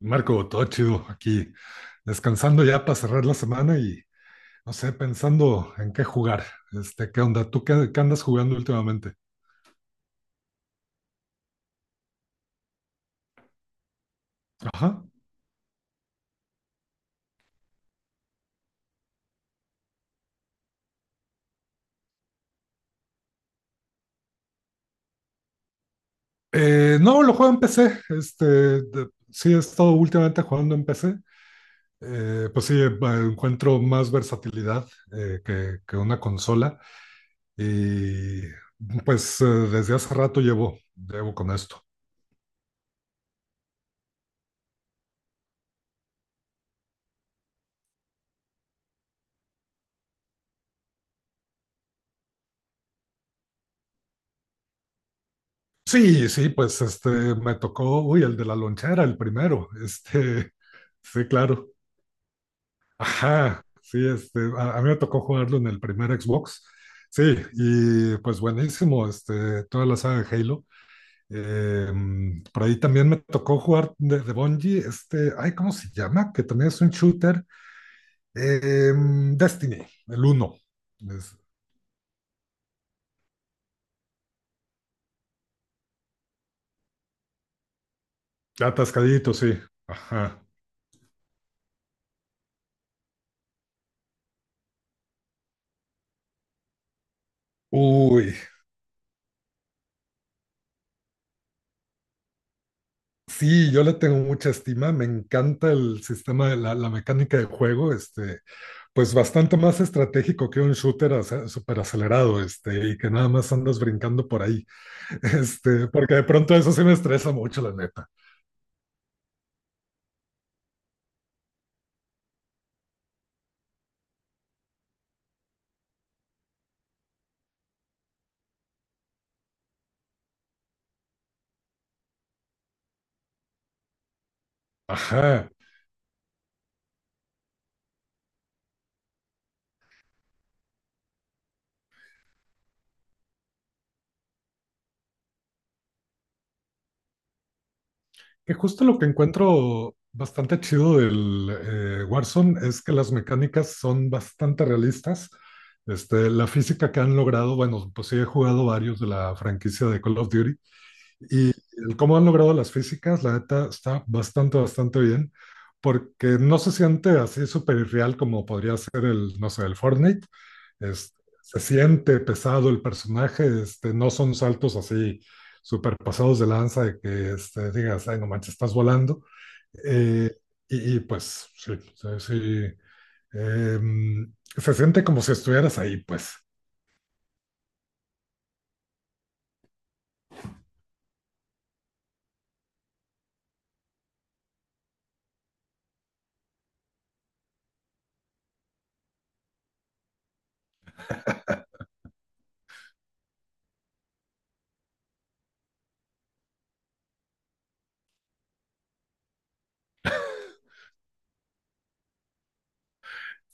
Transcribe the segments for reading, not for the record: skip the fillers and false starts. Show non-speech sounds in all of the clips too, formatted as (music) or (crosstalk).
Marco, todo chido aquí, descansando ya para cerrar la semana y no sé, pensando en qué jugar. ¿Qué onda? ¿Tú qué andas jugando últimamente? Ajá. No, lo juego en PC. Sí, he estado últimamente jugando en PC. Pues sí, encuentro más versatilidad que una consola y pues desde hace rato llevo con esto. Sí, pues me tocó, uy, el de la lonchera, el primero. (laughs) Sí, claro. Ajá, sí, a mí me tocó jugarlo en el primer Xbox. Sí, y pues buenísimo, toda la saga de Halo. Por ahí también me tocó jugar de Bungie, ay, ¿cómo se llama? Que también es un shooter. Destiny, el uno. Es- Atascadito, sí. Ajá. Uy, sí, yo le tengo mucha estima, me encanta el sistema de la mecánica de juego, pues bastante más estratégico que un shooter súper acelerado, y que nada más andas brincando por ahí, (laughs) porque de pronto eso sí me estresa mucho, la neta. Ajá, que justo lo que encuentro bastante chido del Warzone es que las mecánicas son bastante realistas. La física que han logrado, bueno, pues sí he jugado varios de la franquicia de Call of Duty. Y el cómo han logrado las físicas, la neta, está bastante bien, porque no se siente así súper irreal como podría ser el, no sé, el Fortnite. Es- Se siente pesado el personaje, no son saltos así súper pasados de lanza de que digas, ay, no manches, estás volando. Eh, pues, sí, se siente como si estuvieras ahí, pues.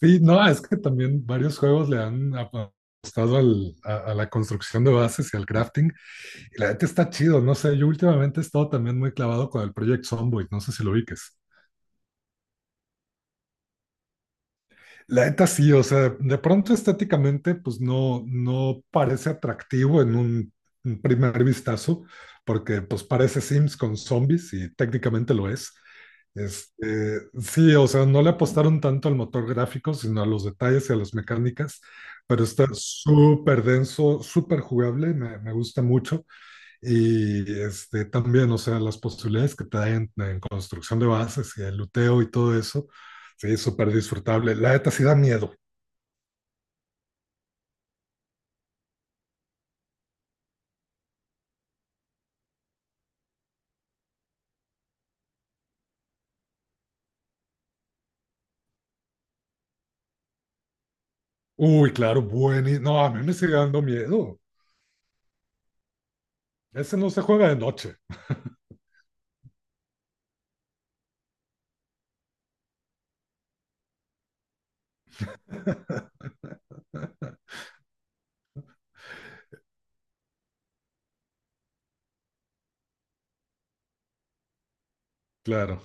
Sí, no, es que también varios juegos le han apostado a la construcción de bases y al crafting, y la neta está chido, no sé, yo últimamente he estado también muy clavado con el Project Zomboid, no sé si lo ubiques. La neta sí, o sea, de pronto estéticamente, pues no, no parece atractivo en un primer vistazo, porque pues parece Sims con zombies y técnicamente lo es. Sí, o sea, no le apostaron tanto al motor gráfico, sino a los detalles y a las mecánicas, pero está súper denso, súper jugable, me gusta mucho. Y también, o sea, las posibilidades que te dan en construcción de bases y el luteo y todo eso, sí, súper disfrutable. La neta sí da miedo. Uy, claro, bueno. No, a mí me sigue dando miedo. Ese no se juega de noche, claro.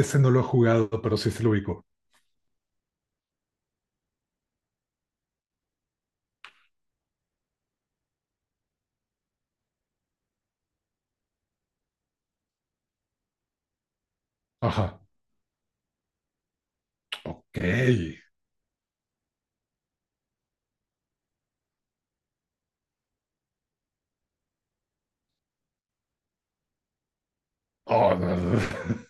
Ese no lo he jugado, pero sí se lo ubico. Ajá. Ok. Oh, no, no. (laughs)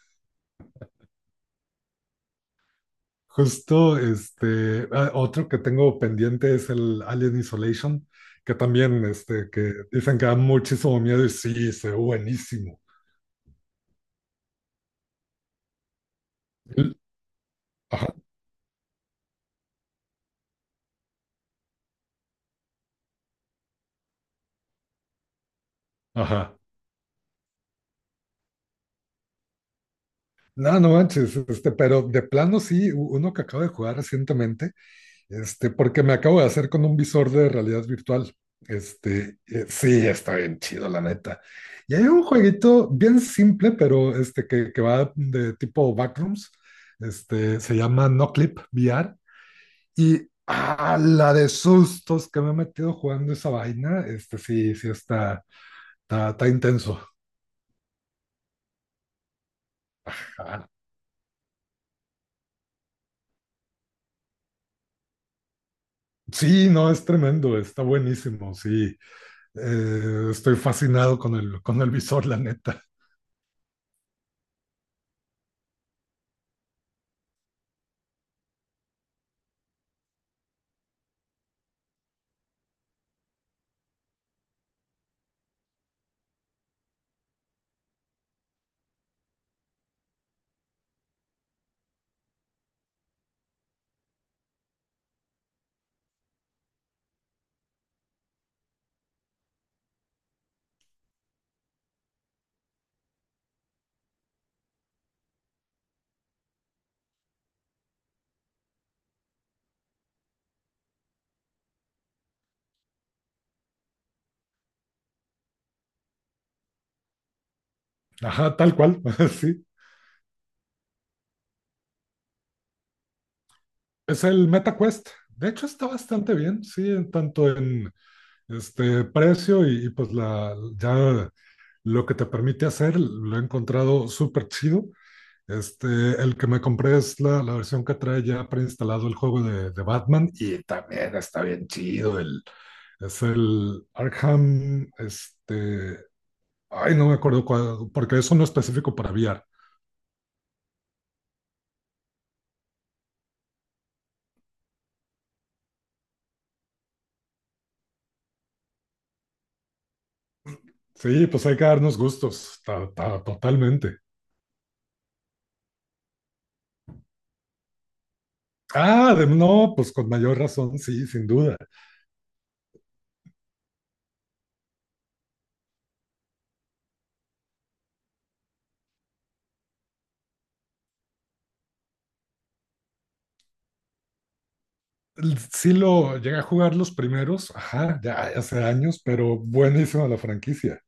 Justo, otro que tengo pendiente es el Alien Isolation, que también, que dicen que da muchísimo miedo y sí, se ve buenísimo. Ajá, ajá. No, no manches, pero de plano sí, uno que acabo de jugar recientemente, porque me acabo de hacer con un visor de realidad virtual. Sí, está bien chido, la neta. Y hay un jueguito bien simple, pero que va de tipo backrooms, se llama No Clip VR, y ah, la de sustos que me he metido jugando esa vaina, sí, sí está, está, está intenso. Ah, sí, no, es tremendo, está buenísimo, sí. Estoy fascinado con el visor, la neta. Ajá, tal cual, (laughs) sí. Es el MetaQuest. De hecho, está bastante bien, sí, en tanto en este precio y pues la, ya lo que te permite hacer, lo he encontrado súper chido. Este, el que me compré es la versión que trae ya preinstalado el juego de Batman y también está bien chido. El, es el Arkham, ay, no me acuerdo cuál, porque eso no es específico para VR. Sí, pues hay que darnos gustos, totalmente. Ah, no, pues con mayor razón, sí, sin duda. Sí lo llegué a jugar los primeros, ajá, ya hace años, pero buenísima la franquicia,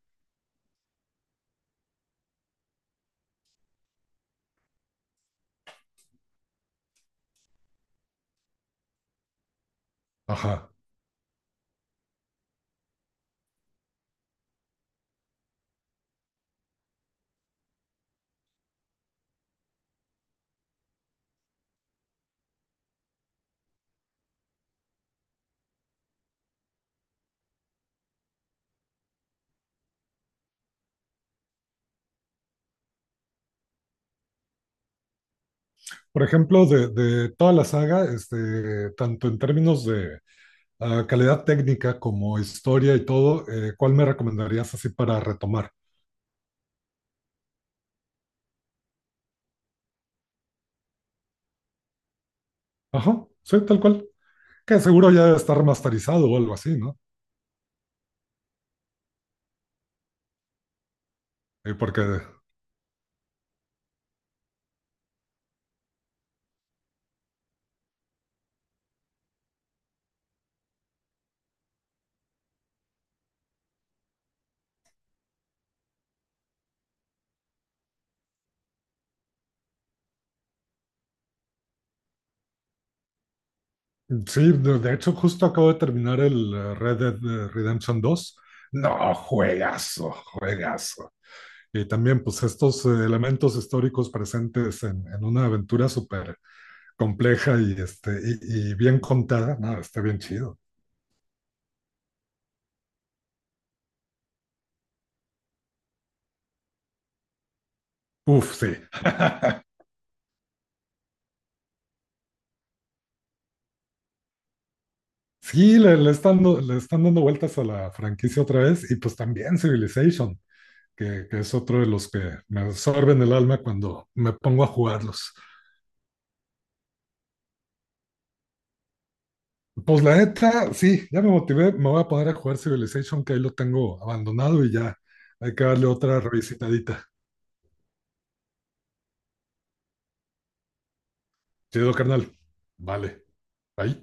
ajá. Por ejemplo, de toda la saga, tanto en términos de calidad técnica como historia y todo, ¿cuál me recomendarías así para retomar? Ajá, sí, tal cual. Que seguro ya está remasterizado o algo así, ¿no? Porque Sí, de hecho, justo acabo de terminar el Red Dead Redemption 2. No, juegazo, juegazo. Y también, pues, estos elementos históricos presentes en una aventura súper compleja y, y bien contada. No, está bien chido. Uf, sí. Sí, le están, le están dando vueltas a la franquicia otra vez. Y pues también Civilization, que es otro de los que me absorben el alma cuando me pongo a jugarlos. Pues la neta, sí, ya me motivé, me voy a poner a jugar Civilization, que ahí lo tengo abandonado y ya hay que darle otra revisitadita. Chido, carnal. Vale, bye.